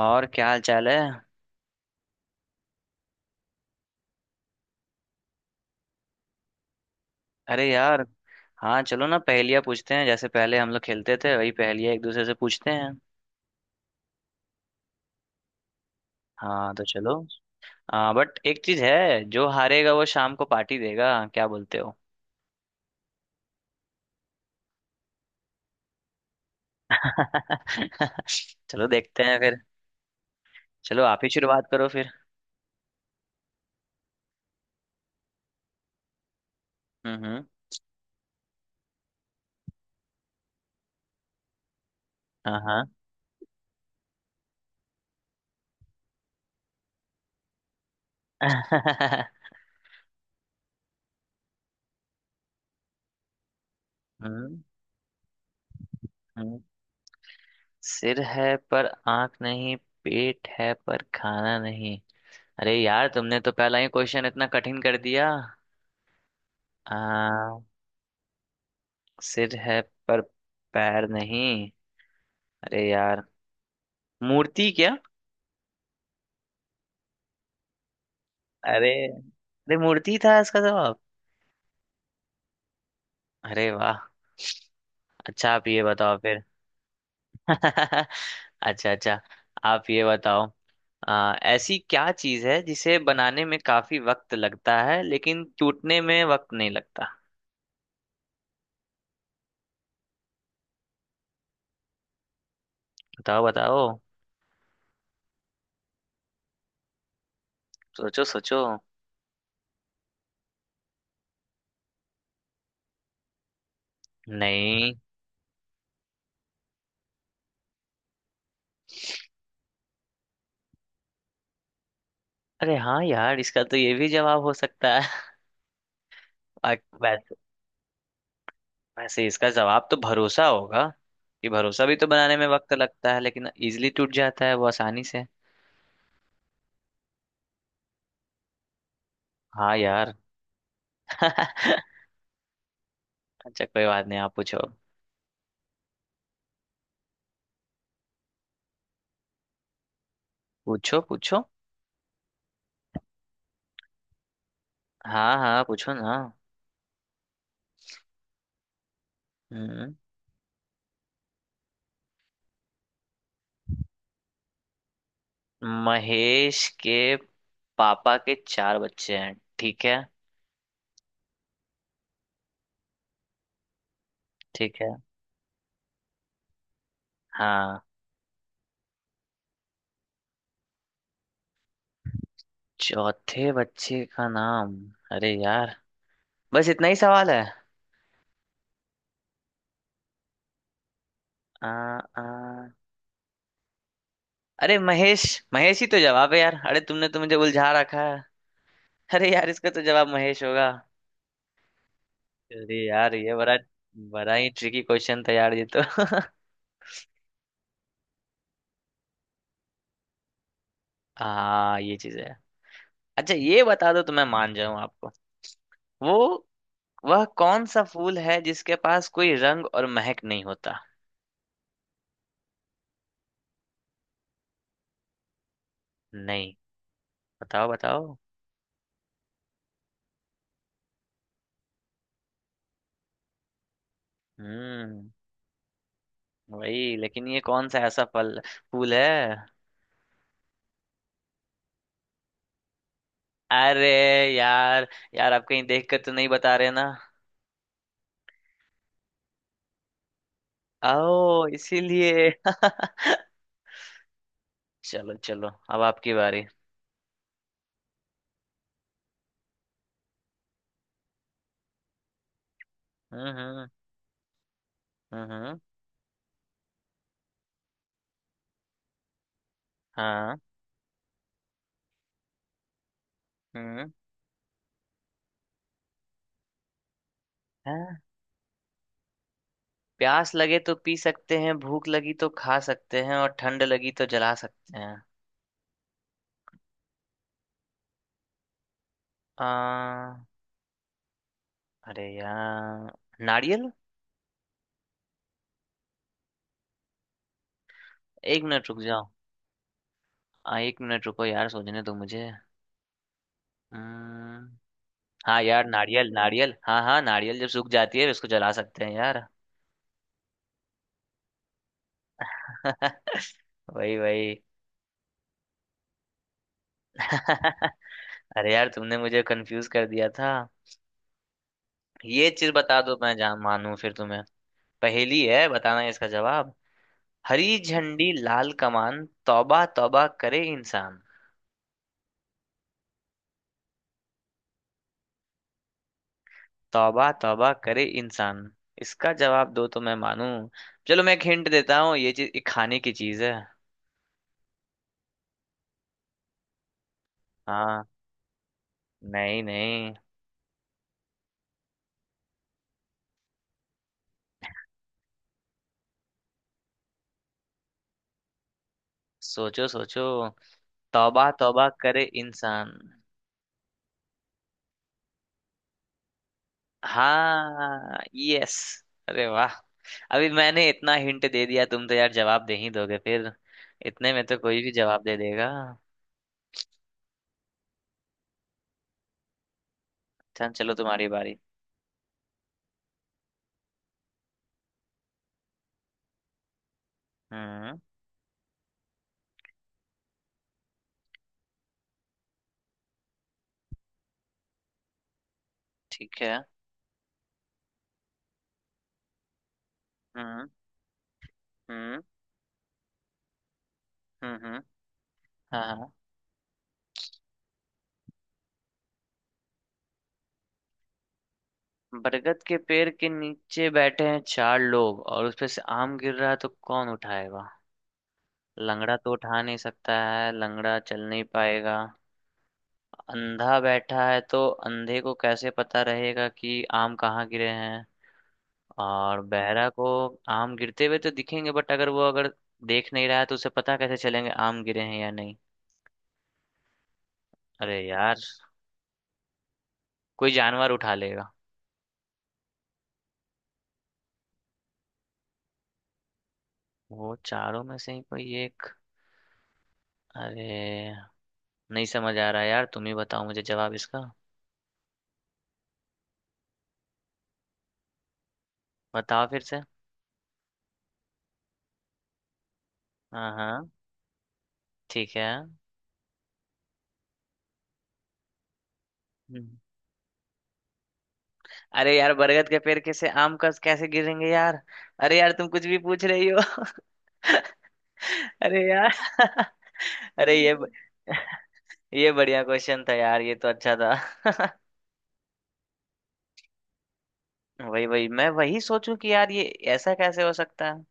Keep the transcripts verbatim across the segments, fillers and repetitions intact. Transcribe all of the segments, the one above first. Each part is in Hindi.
और क्या हाल चाल है। अरे यार। हाँ, चलो ना पहेलियाँ पूछते हैं, जैसे पहले हम लोग खेलते थे वही पहेलियाँ एक दूसरे से पूछते हैं। हाँ, तो चलो। हाँ, बट एक चीज है, जो हारेगा वो शाम को पार्टी देगा, क्या बोलते हो? चलो देखते हैं फिर। चलो आप ही शुरुआत करो फिर। हम्म, हम्म। हाँ, हाँ। हम्म हम्म। सिर है पर आंख नहीं। पेट है पर खाना नहीं। अरे यार, तुमने तो पहला ही क्वेश्चन इतना कठिन कर दिया। आ, सिर है पर पैर नहीं। अरे यार। मूर्ति क्या? अरे अरे, मूर्ति था इसका जवाब। अरे वाह। अच्छा, आप ये बताओ फिर। अच्छा। अच्छा, आप ये बताओ। आ, ऐसी क्या चीज है जिसे बनाने में काफी वक्त लगता है लेकिन टूटने में वक्त नहीं लगता? बताओ बताओ। सोचो सोचो। नहीं। अरे हाँ यार, इसका तो ये भी जवाब हो सकता है। आ- वैसे वैसे इसका जवाब तो भरोसा होगा। कि भरोसा भी तो बनाने में वक्त लगता है लेकिन इजीली टूट जाता है वो, आसानी से। हाँ यार। अच्छा, कोई बात नहीं, आप पूछो। पूछो पूछो। हाँ हाँ, पूछो ना। हम्म। महेश के पापा के चार बच्चे हैं, ठीक है। ठीक है। हाँ। चौथे बच्चे का नाम। अरे यार। बस इतना ही सवाल है। आ, आ, अरे महेश। महेश ही तो जवाब है यार, अरे तुमने तो मुझे उलझा रखा है। अरे यार, इसका तो जवाब महेश होगा। अरे यार, ये बड़ा बड़ा ही ट्रिकी क्वेश्चन था यार, ये तो। हाँ, ये चीज है। अच्छा, ये बता दो तो मैं मान जाऊं आपको। वो वह कौन सा फूल है जिसके पास कोई रंग और महक नहीं होता? नहीं। बताओ बताओ। हम्म। वही, लेकिन ये कौन सा ऐसा फल फूल है? अरे यार, यार आप कहीं देख कर तो नहीं बता रहे ना? आओ इसीलिए। चलो चलो, अब आपकी बारी। हम्म, हम्म, हम्म, हम्म। हाँ। हम्म। हाँ, प्यास लगे तो पी सकते हैं, भूख लगी तो खा सकते हैं, और ठंड लगी तो जला सकते हैं। आ, अरे यार, नारियल। एक मिनट रुक जाओ। आ, एक मिनट रुको यार, सोचने दो मुझे। हम्म, हाँ यार, नारियल नारियल, हाँ हाँ, नारियल जब सूख जाती है उसको जला सकते हैं यार। वही वही। अरे यार, तुमने मुझे कंफ्यूज कर दिया था। ये चीज बता दो मैं जान मानूं फिर तुम्हें। पहेली है, बताना इसका जवाब। हरी झंडी लाल कमान, तौबा तौबा करे इंसान। तौबा तौबा करे इंसान। इसका जवाब दो तो मैं मानूं। चलो, मैं एक हिंट देता हूँ, ये चीज एक खाने की चीज है। हाँ। नहीं नहीं। सोचो सोचो। तौबा तौबा करे इंसान। हाँ, यस। अरे वाह। अभी मैंने इतना हिंट दे दिया, तुम तो यार जवाब दे ही दोगे फिर। इतने में तो कोई भी जवाब दे देगा। चल चलो, तुम्हारी बारी। हम्म। ठीक है। हम्म, हम्म, हम्म, हम्म। हाँ हाँ। बरगद के पेड़ के नीचे बैठे हैं चार लोग और उसपे से आम गिर रहा है, तो कौन उठाएगा? लंगड़ा तो उठा नहीं सकता है, लंगड़ा चल नहीं पाएगा। अंधा बैठा है तो अंधे को कैसे पता रहेगा कि आम कहाँ गिरे हैं। और बहरा को? आम गिरते हुए तो दिखेंगे, बट अगर वो अगर देख नहीं रहा है तो उसे पता कैसे चलेंगे आम गिरे हैं या नहीं। अरे यार। कोई जानवर उठा लेगा। वो चारों में से ही कोई एक। अरे, नहीं समझ आ रहा यार, तुम ही बताओ मुझे जवाब इसका। बताओ फिर से। हाँ हाँ। ठीक है। हम्म। अरे यार, बरगद के पेड़ कैसे आम का कैसे गिरेंगे यार। अरे यार, तुम कुछ भी पूछ रही हो। अरे यार। अरे ये ब- ये बढ़िया क्वेश्चन था यार, ये तो अच्छा था। वही वही, मैं वही सोचूं कि यार, ये ऐसा कैसे हो सकता है।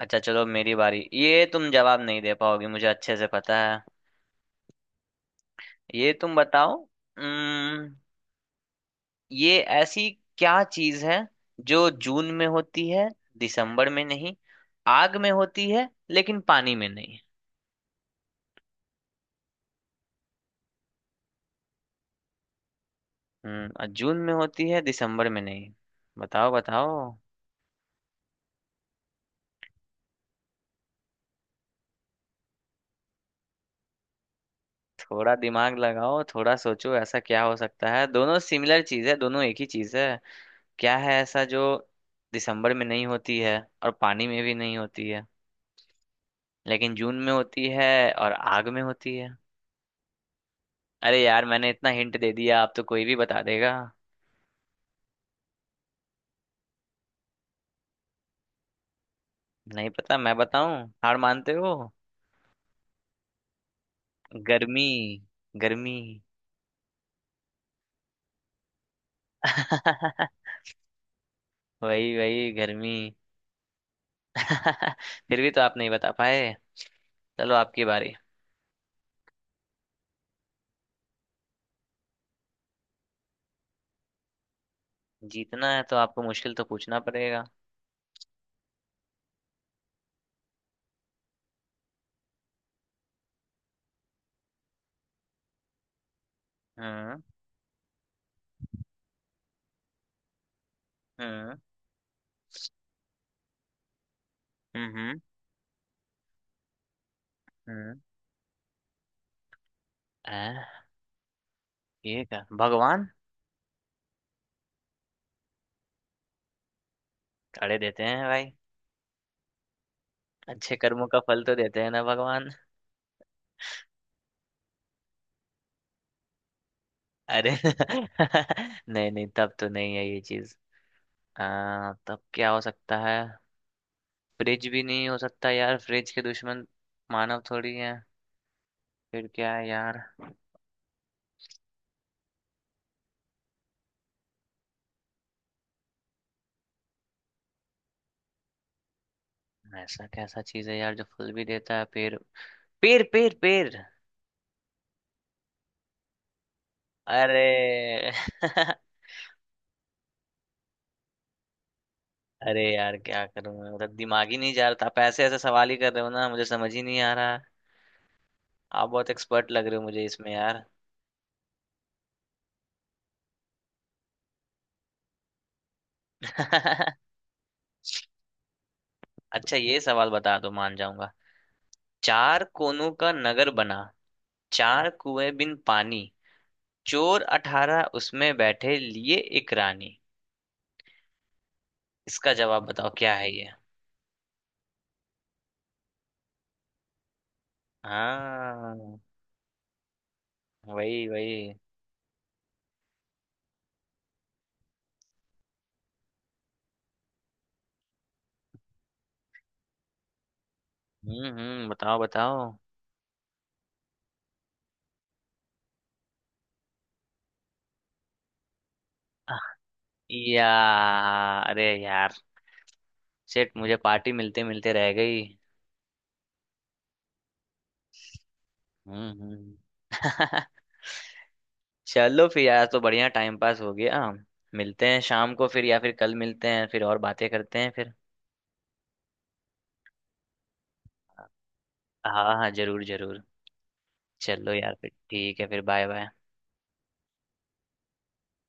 अच्छा चलो, मेरी बारी, ये तुम जवाब नहीं दे पाओगे मुझे अच्छे से पता है। ये तुम बताओ। ये ऐसी क्या चीज है जो जून में होती है दिसंबर में नहीं, आग में होती है लेकिन पानी में नहीं? हम्म और जून में होती है दिसंबर में नहीं। बताओ बताओ। थोड़ा दिमाग लगाओ, थोड़ा सोचो, ऐसा क्या हो सकता है, दोनों सिमिलर चीज है, दोनों एक ही चीज है। क्या है ऐसा जो दिसंबर में नहीं होती है और पानी में भी नहीं होती है, लेकिन जून में होती है और आग में होती है? अरे यार, मैंने इतना हिंट दे दिया, आप तो कोई भी बता देगा। नहीं पता, मैं बताऊं? हार मानते हो? गर्मी। गर्मी। वही वही, गर्मी। फिर भी तो आप नहीं बता पाए। चलो, आपकी बारी। जीतना है तो आपको मुश्किल तो पूछना पड़ेगा। हम्म, हम्म, हम्म, हम्म, हम्म। आ, ये क्या, भगवान? अड़े देते हैं भाई। अच्छे कर्मों का फल तो देते हैं ना भगवान। अरे। नहीं नहीं, तब तो नहीं है ये चीज। आ, तब क्या हो सकता है? फ्रिज भी नहीं हो सकता यार, फ्रिज के दुश्मन। मानव थोड़ी है। फिर क्या है यार? ऐसा कैसा चीज है यार जो फल भी देता है, पेड़? पेड़ पेड़ पेड़। अरे। अरे यार, क्या करूं मैं, मतलब दिमाग ही नहीं जा रहा था, आप ऐसे ऐसे सवाल ही कर रहे हो ना, मुझे समझ ही नहीं आ रहा। आप बहुत एक्सपर्ट लग रहे हो मुझे इसमें यार। अच्छा, ये सवाल बता दो मान जाऊंगा। चार कोनों का नगर बना। चार कुएं बिन पानी। चोर अठारह उसमें बैठे लिए एक रानी। इसका जवाब बताओ, क्या है ये? हाँ। वही वही। हम्म हम्म। बताओ बताओ। या। अरे यार, शिट, मुझे पार्टी मिलते मिलते रह गई। हम्म हम्म। चलो फिर यार, तो बढ़िया टाइम पास हो गया। मिलते हैं शाम को फिर, या फिर कल मिलते हैं फिर और बातें करते हैं फिर। हाँ हाँ, जरूर जरूर। चलो यार फिर, ठीक है फिर, बाय बाय।